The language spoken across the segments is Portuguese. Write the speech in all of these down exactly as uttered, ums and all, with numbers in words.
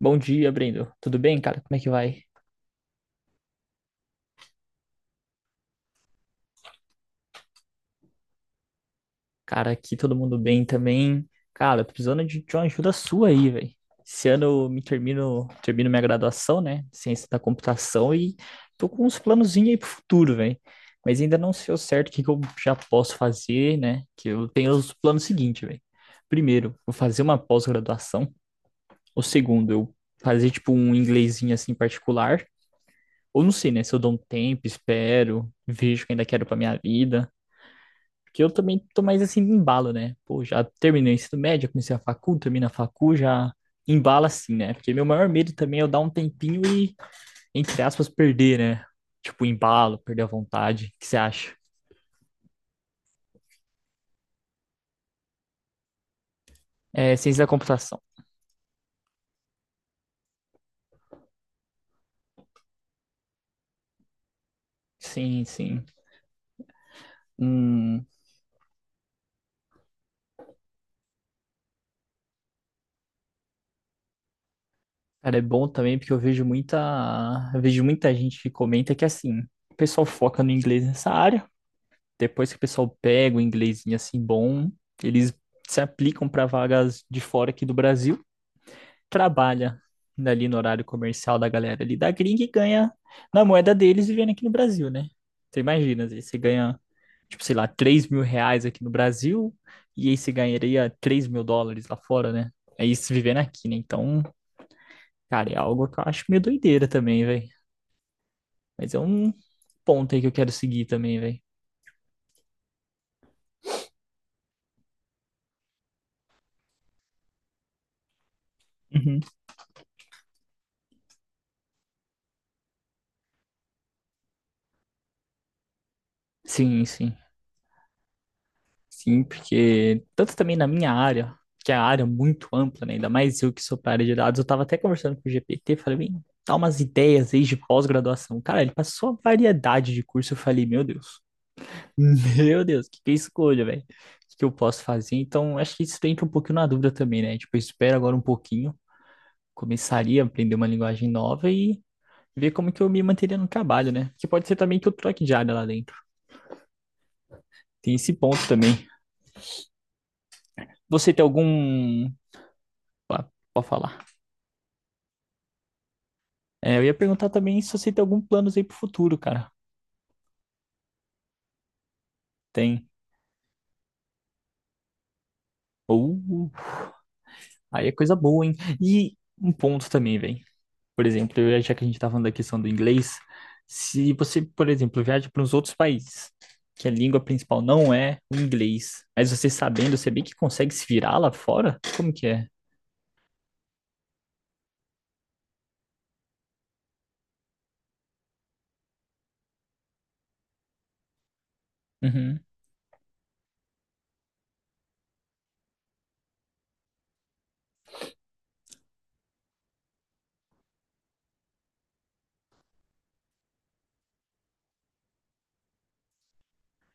Bom dia, Brendo. Tudo bem, cara? Como é que vai? Cara, aqui todo mundo bem também. Cara, tô precisando de, de uma ajuda sua aí, velho. Esse ano eu me termino, termino minha graduação, né? Ciência da computação e tô com uns planozinhos aí pro futuro, velho. Mas ainda não sei ao certo o que que eu já posso fazer, né? Que eu tenho os planos seguintes, velho. Primeiro, vou fazer uma pós-graduação. O segundo, eu fazer tipo um inglesinho assim particular. Ou não sei, né? Se eu dou um tempo, espero, vejo o que ainda quero pra minha vida. Porque eu também tô mais assim, embalo, né? Pô, já terminei o ensino médio, comecei a facul, termino a facul, já embala assim, né? Porque meu maior medo também é eu dar um tempinho e, entre aspas, perder, né? Tipo, embalo, perder a vontade. O que você acha? É, ciência da computação. Sim, sim. Hum, cara, é bom também porque eu vejo muita, eu vejo muita gente que comenta que assim, o pessoal foca no inglês nessa área, depois que o pessoal pega o inglesinho assim bom, eles se aplicam para vagas de fora aqui do Brasil, trabalha ali no horário comercial da galera ali da gringa e ganha na moeda deles vivendo aqui no Brasil, né? Você imagina, às vezes você ganha, tipo, sei lá, três mil reais aqui no Brasil e aí você ganharia três mil dólares lá fora, né? É isso vivendo aqui, né? Então, cara, é algo que eu acho meio doideira também, velho. Mas é um ponto aí que eu quero seguir também, velho. Uhum. Sim, sim. Sim, porque tanto também na minha área, que é a área muito ampla, né? Ainda mais eu que sou para a área de dados, eu estava até conversando com o G P T, falei, bem, dá umas ideias aí de pós-graduação. Cara, ele passou uma variedade de curso, eu falei, meu Deus, meu Deus, o que que eu escolho, velho? O que que eu posso fazer? Então, acho que isso entra um pouquinho na dúvida também, né? Tipo, eu espero agora um pouquinho, começaria a aprender uma linguagem nova e ver como que eu me manteria no trabalho, né? Que pode ser também que eu troque de área lá dentro. Tem esse ponto também. Você tem algum... Ah, pode falar. É, eu ia perguntar também se você tem algum planos aí pro futuro, cara. Tem. Uh, aí é coisa boa, hein? E um ponto também, velho. Por exemplo, eu- já que a gente tá falando da questão do inglês, se você, por exemplo, viaja para uns outros países, que a língua principal não é o inglês, mas você sabendo, você bem que consegue se virar lá fora? Como que é? Uhum.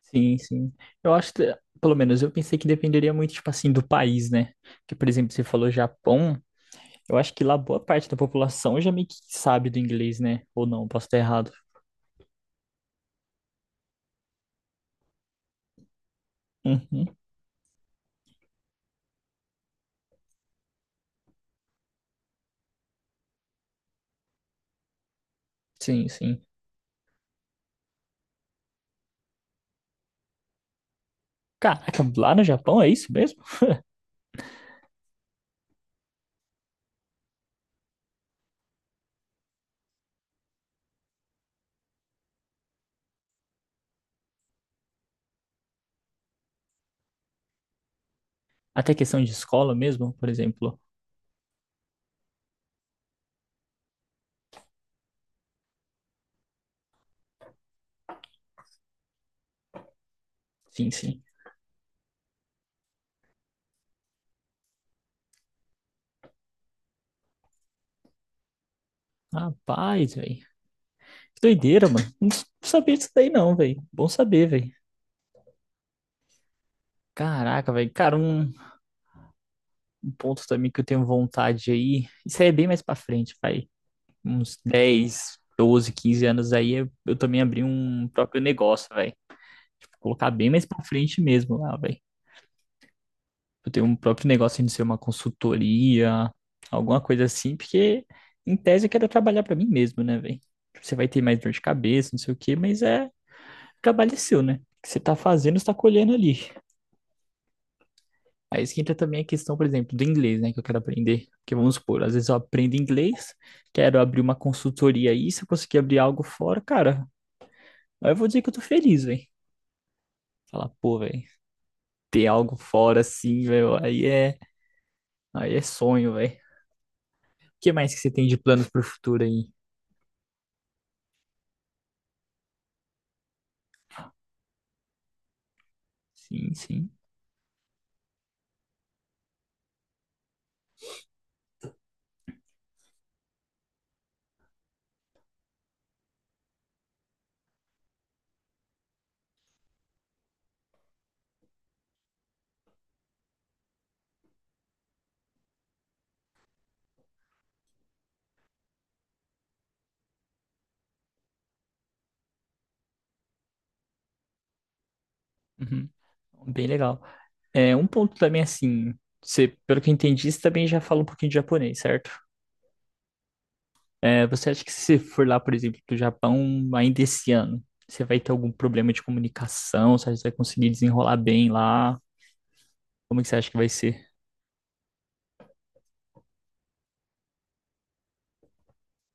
Sim, sim. Eu acho que, pelo menos, eu pensei que dependeria muito, tipo assim, do país, né? Que, por exemplo, você falou Japão. Eu acho que lá boa parte da população já meio que sabe do inglês, né? Ou não, posso estar errado. Uhum, sim, sim. Caraca, lá no Japão é isso mesmo? Até questão de escola mesmo, por exemplo. Sim, sim. Rapaz, velho. Que doideira, mano. Não s- não sabia disso daí não, velho. Bom saber, velho. Caraca, velho. Cara, um, um ponto também que eu tenho vontade aí. Isso aí é bem mais pra frente, vai. Uns dez, doze, quinze anos aí, eu eu também abri um próprio negócio, velho. Tipo, colocar bem mais pra frente mesmo lá, velho. Eu tenho um próprio negócio de ser uma consultoria, alguma coisa assim, porque em tese eu quero trabalhar pra mim mesmo, né, velho? Você vai ter mais dor de cabeça, não sei o quê, mas é o trabalho é seu, né? O que você tá fazendo, você tá colhendo ali. Aí isso que entra também a questão, por exemplo, do inglês, né, que eu quero aprender. Porque vamos supor, às vezes eu aprendo inglês, quero abrir uma consultoria aí, se eu conseguir abrir algo fora, cara, aí eu vou dizer que eu tô feliz, velho. Falar, pô, velho, ter algo fora assim, velho, aí é, aí é sonho, velho. O que mais que você tem de planos pro futuro aí? Sim, sim. Uhum. Bem legal. É, um ponto também assim, você, pelo que eu entendi, você também já fala um pouquinho de japonês, certo? É, você acha que se você for lá, por exemplo, do Japão ainda esse ano, você vai ter algum problema de comunicação? Você acha que você vai conseguir desenrolar bem lá? Como é que você acha que vai ser?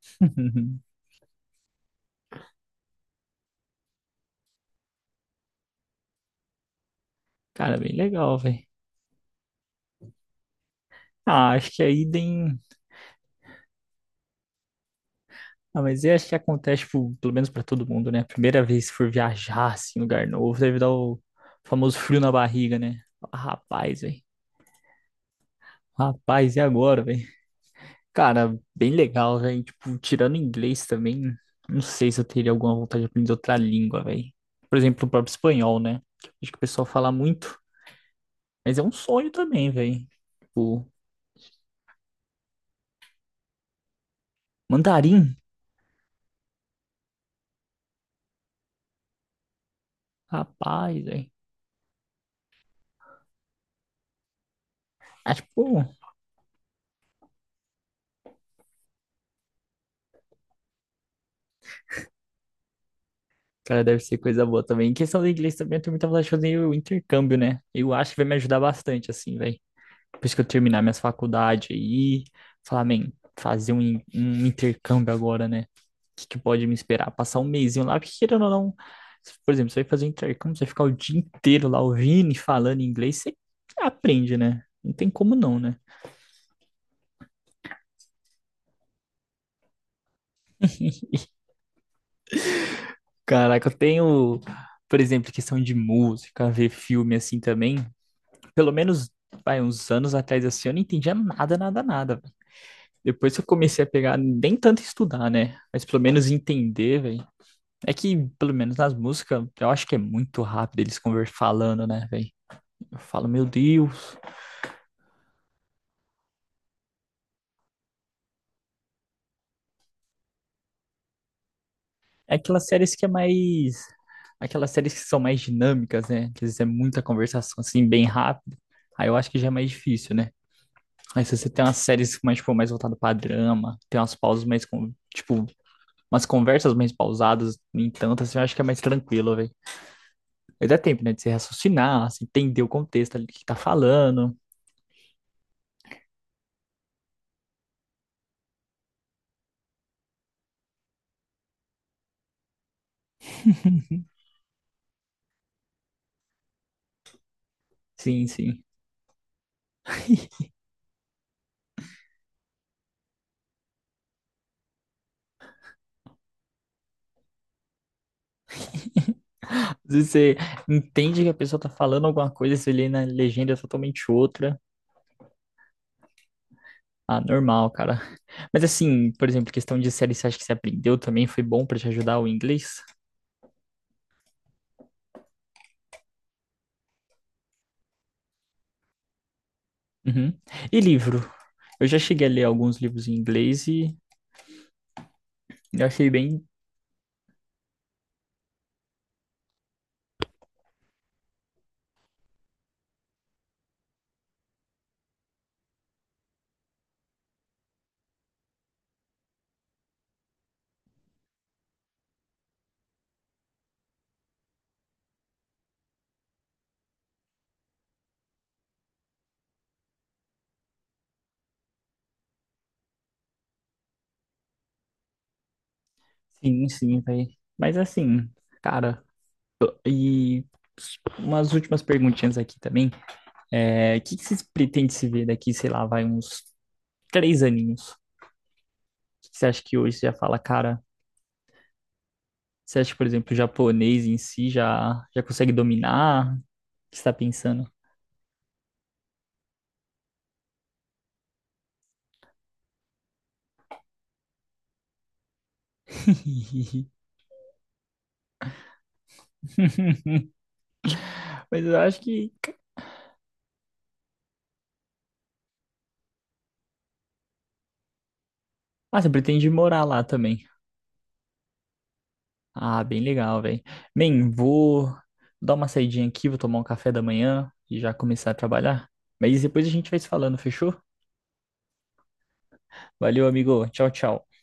Cara, bem legal, velho. Ah, acho que aí tem. Ah, mas eu acho que acontece, tipo, pelo menos pra todo mundo, né? Primeira vez que for viajar, assim, em lugar novo, deve dar o famoso frio na barriga, né? Ah, rapaz, velho. Rapaz, e agora, velho? Cara, bem legal, velho. Tipo, tirando inglês também, não sei se eu teria alguma vontade de aprender outra língua, velho. Por exemplo, o próprio espanhol, né? Acho que o pessoal fala muito, mas é um sonho também, velho. Tipo, mandarim, rapaz, velho. Acho que, pô, cara, deve ser coisa boa também. Em questão do inglês também, eu tenho muita vontade de fazer o intercâmbio, né? Eu acho que vai me ajudar bastante, assim, velho. Depois que eu terminar minhas faculdades aí, falar, man, fazer um, in- um intercâmbio agora, né? O que, que pode me esperar? Passar um mesinho lá, porque querendo ou não, por exemplo, você vai fazer um intercâmbio, você vai ficar o dia inteiro lá ouvindo e falando inglês, você aprende, né? Não tem como não, né? Caraca, eu tenho, por exemplo, questão de música, ver filme assim também. Pelo menos, vai, uns anos atrás assim, eu não entendia nada, nada, nada. Véi. Depois que eu comecei a pegar, nem tanto estudar, né? Mas pelo menos entender, velho. É que, pelo menos nas músicas, eu acho que é muito rápido eles conversando, falando, né, velho? Eu falo, meu Deus. É aquelas séries que é mais. Aquelas séries que são mais dinâmicas, né? Que às vezes é muita conversação, assim, bem rápido. Aí eu acho que já é mais difícil, né? Aí se você tem umas séries mais, tipo, mais voltadas pra drama, tem umas pausas mais, com- tipo, umas conversas mais pausadas, no entanto, assim, eu acho que é mais tranquilo, velho. Aí dá tempo, né, de você raciocinar, assim, entender o contexto ali que tá falando. Sim, sim. Às... Você entende que a pessoa tá falando alguma coisa, se lê na legenda é totalmente outra. Ah, normal, cara. Mas assim, por exemplo, questão de série, você acha que você aprendeu também? Foi bom pra te ajudar o inglês? Uhum. E livro? Eu já cheguei a ler alguns livros em inglês e eu achei bem. Sim, sim, velho. Mas assim, cara, e umas últimas perguntinhas aqui também. É, o que que vocês pretendem se ver daqui, sei lá, vai uns três aninhos? O que que você acha que hoje você já fala, cara? Você acha que, por exemplo, o japonês em si já, já consegue dominar? O que você tá pensando? Mas eu acho que. Ah, você pretende morar lá também. Ah, bem legal, velho. Bem, vou dar uma saidinha aqui, vou tomar um café da manhã e já começar a trabalhar. Mas depois a gente vai se falando, fechou? Valeu, amigo. Tchau, tchau.